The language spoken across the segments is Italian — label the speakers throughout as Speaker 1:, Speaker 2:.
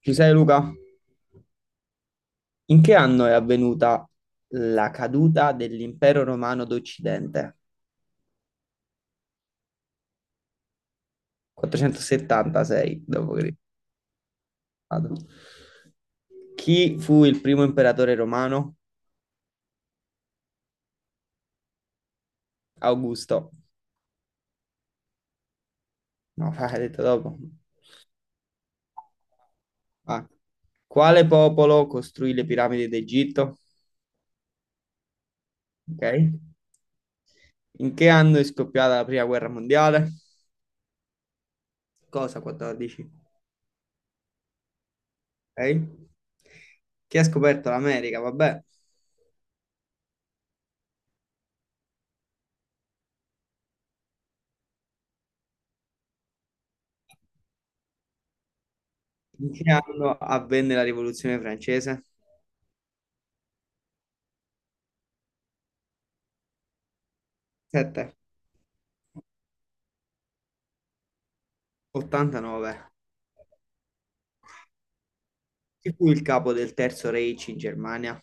Speaker 1: Ci sei Luca? In che anno è avvenuta la caduta dell'impero romano d'Occidente? 476 d.C. Chi fu il primo imperatore romano? Augusto. No, hai detto dopo. Ah. Quale popolo costruì le piramidi d'Egitto? Ok. In che anno è scoppiata la prima guerra mondiale? Cosa 14? Ok. Chi ha scoperto l'America? Vabbè. In che anno avvenne la rivoluzione francese? 7, 89. Chi fu il capo del Terzo Reich in Germania?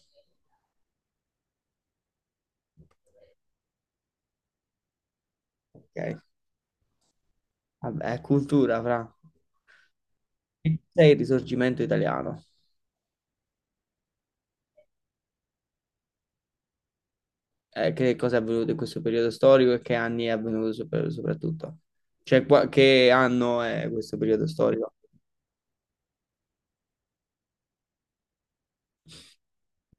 Speaker 1: Ok, vabbè, cultura, fra. Che cos'è il risorgimento italiano? Che cosa è avvenuto in questo periodo storico e che anni è avvenuto soprattutto? Cioè, che anno è questo periodo storico?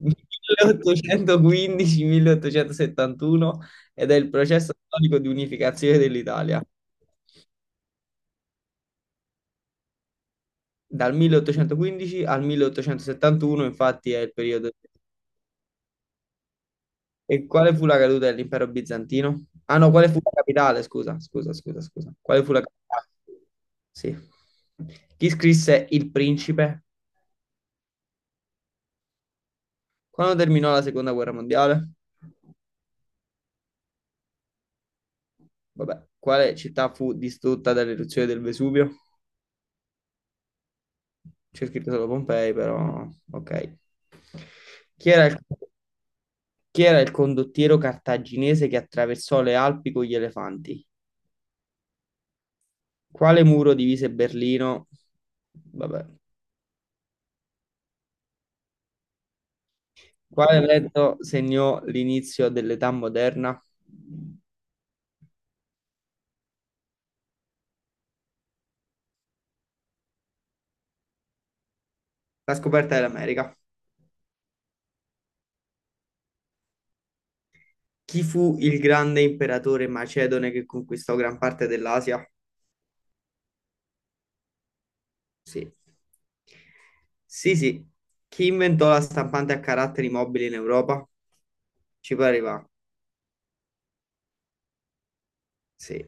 Speaker 1: 1815-1871 ed è il processo storico di unificazione dell'Italia. Dal 1815 al 1871, infatti, è il periodo. E quale fu la caduta dell'impero bizantino? Ah no, quale fu la capitale? Scusa, scusa, scusa, scusa. Quale fu la capitale? Sì. Chi scrisse Il Principe? Quando terminò la seconda guerra mondiale? Vabbè, quale città fu distrutta dall'eruzione del Vesuvio? C'è scritto solo Pompei, però ok. Chi era il, chi era il condottiero cartaginese che attraversò le Alpi con gli elefanti? Quale muro divise Berlino? Vabbè. Quale evento segnò l'inizio dell'età moderna? La scoperta dell'America. Chi fu il grande imperatore macedone che conquistò gran parte dell'Asia? Sì. Sì, sì. Chi inventò la stampante a caratteri mobili in Europa? Ci pareva. Sì.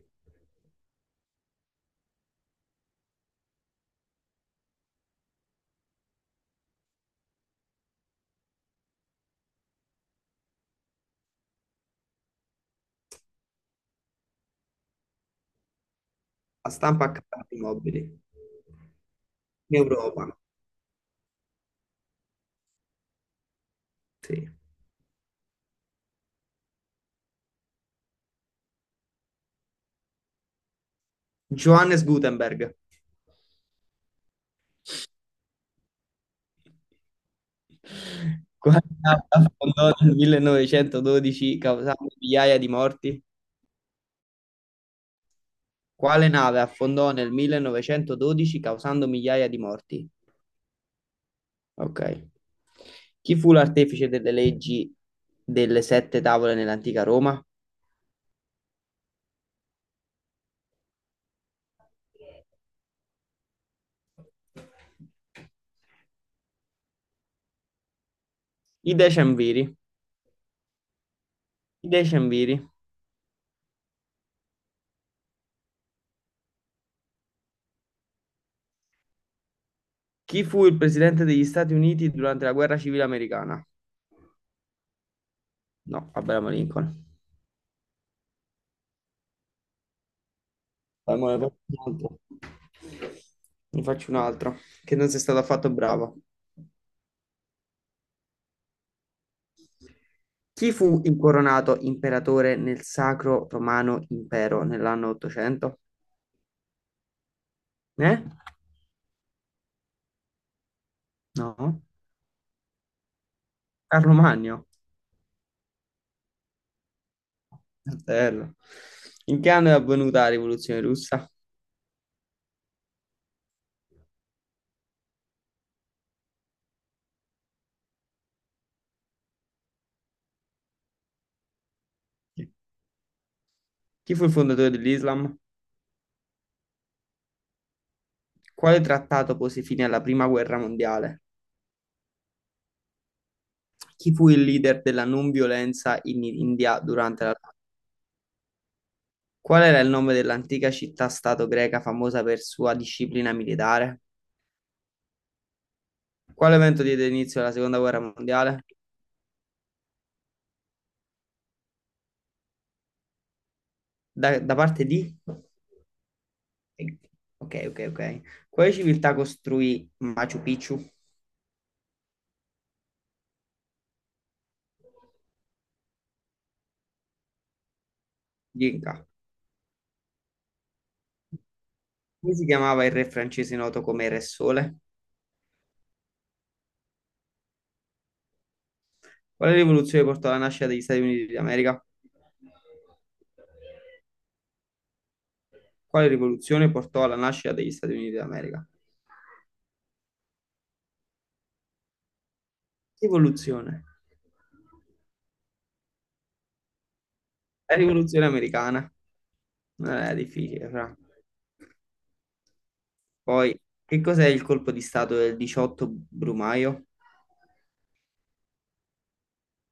Speaker 1: La stampa a caratteri mobili in Europa. Sì. Johannes Gutenberg. Quale città fondò nel 1912 causando migliaia di morti? Quale nave affondò nel 1912 causando migliaia di morti? Ok. Chi fu l'artefice delle leggi delle sette tavole nell'antica Roma? I Decemviri. I Decemviri. Chi fu il presidente degli Stati Uniti durante la guerra civile americana? No, Abraham Lincoln. Dai, mo ne faccio un altro. Ne faccio un altro, che non sei stato affatto bravo. Chi fu incoronato imperatore nel Sacro Romano Impero nell'anno 800? Eh? No? Carlo Magno. Fratello. In che anno è avvenuta la rivoluzione russa? Chi fu il fondatore dell'Islam? Quale trattato pose fine alla prima guerra mondiale? Chi fu il leader della non violenza in India durante la... Qual era il nome dell'antica città-stato greca famosa per sua disciplina militare? Quale evento diede inizio alla seconda guerra mondiale? Da parte di? Ok, ok, ok. Quale civiltà costruì Machu Picchu? Inca. Come si chiamava il re francese noto come Re Sole? Quale rivoluzione portò alla nascita degli Stati Uniti d'America? Quale rivoluzione portò alla nascita degli Stati Uniti d'America? Rivoluzione. La rivoluzione americana. Non era difficile, fra. Poi, che cos'è il colpo di stato del 18 Brumaio?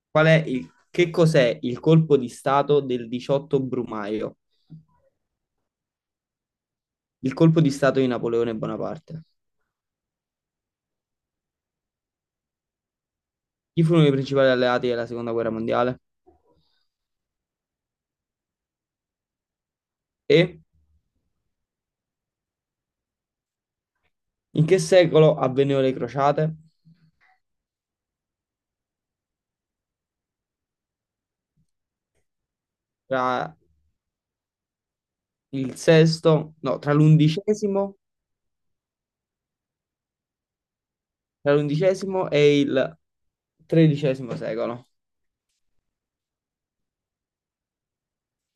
Speaker 1: Che cos'è il colpo di stato del 18 Brumaio? Il colpo di stato di Napoleone Bonaparte. Chi furono i principali alleati della seconda guerra mondiale? E in che secolo avvennero le crociate? Tra il sesto, no, tra l'undicesimo e il tredicesimo secolo.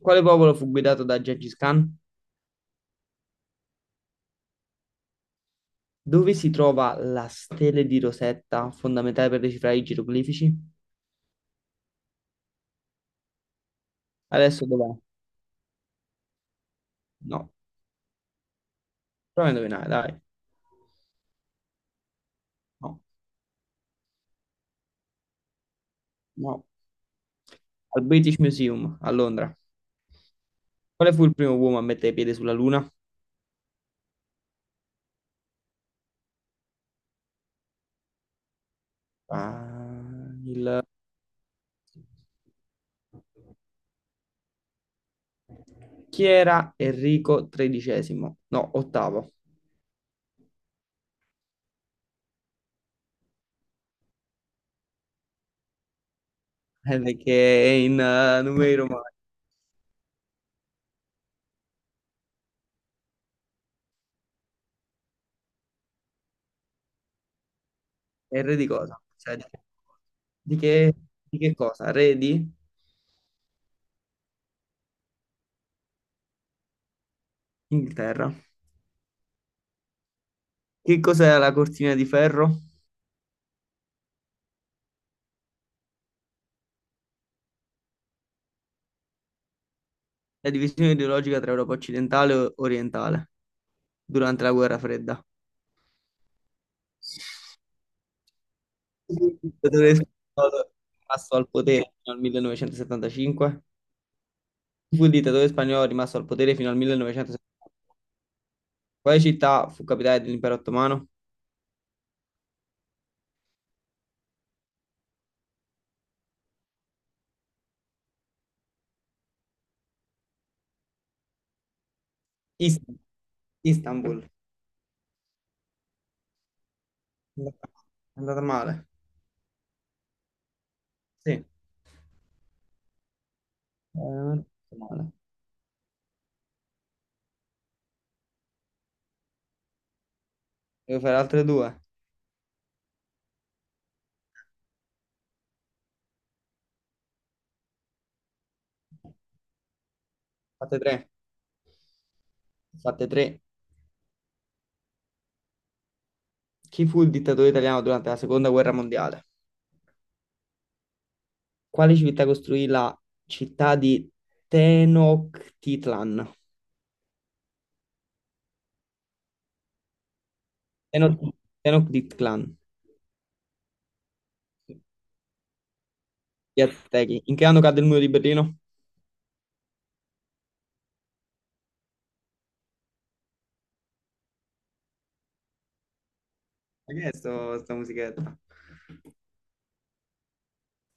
Speaker 1: Quale popolo fu guidato da Gengis Khan? Dove si trova la stele di Rosetta, fondamentale per decifrare i geroglifici? Adesso dov'è? No, prova a indovinare, dai. No, no, al British Museum a Londra. Quale fu il primo uomo a mettere piede sulla Luna? Ah, il... Chi era Enrico XIII? No, ottavo. Perché è in numeri romani. È il re di cosa? Cioè, di che, di che cosa? Re di Inghilterra. Che cos'era la cortina di ferro? La divisione ideologica tra Europa occidentale e orientale durante la guerra fredda. Il dittatore spagnolo è rimasto al potere fino al 1975. Fu il dittatore spagnolo rimasto al potere fino al 1970. Quale città fu capitale dell'impero ottomano? Ist- Istanbul. È andata male. Sì, non è andata male. Devo fare altre due. Fatte tre. Fatte tre. Chi fu il dittatore italiano durante la seconda guerra mondiale? Quale città costruì la città di Tenochtitlan? Tenoch- Tenochtitlan. Gli Aztechi. In che anno cadde il muro di Berlino? Ma che è sta musichetta?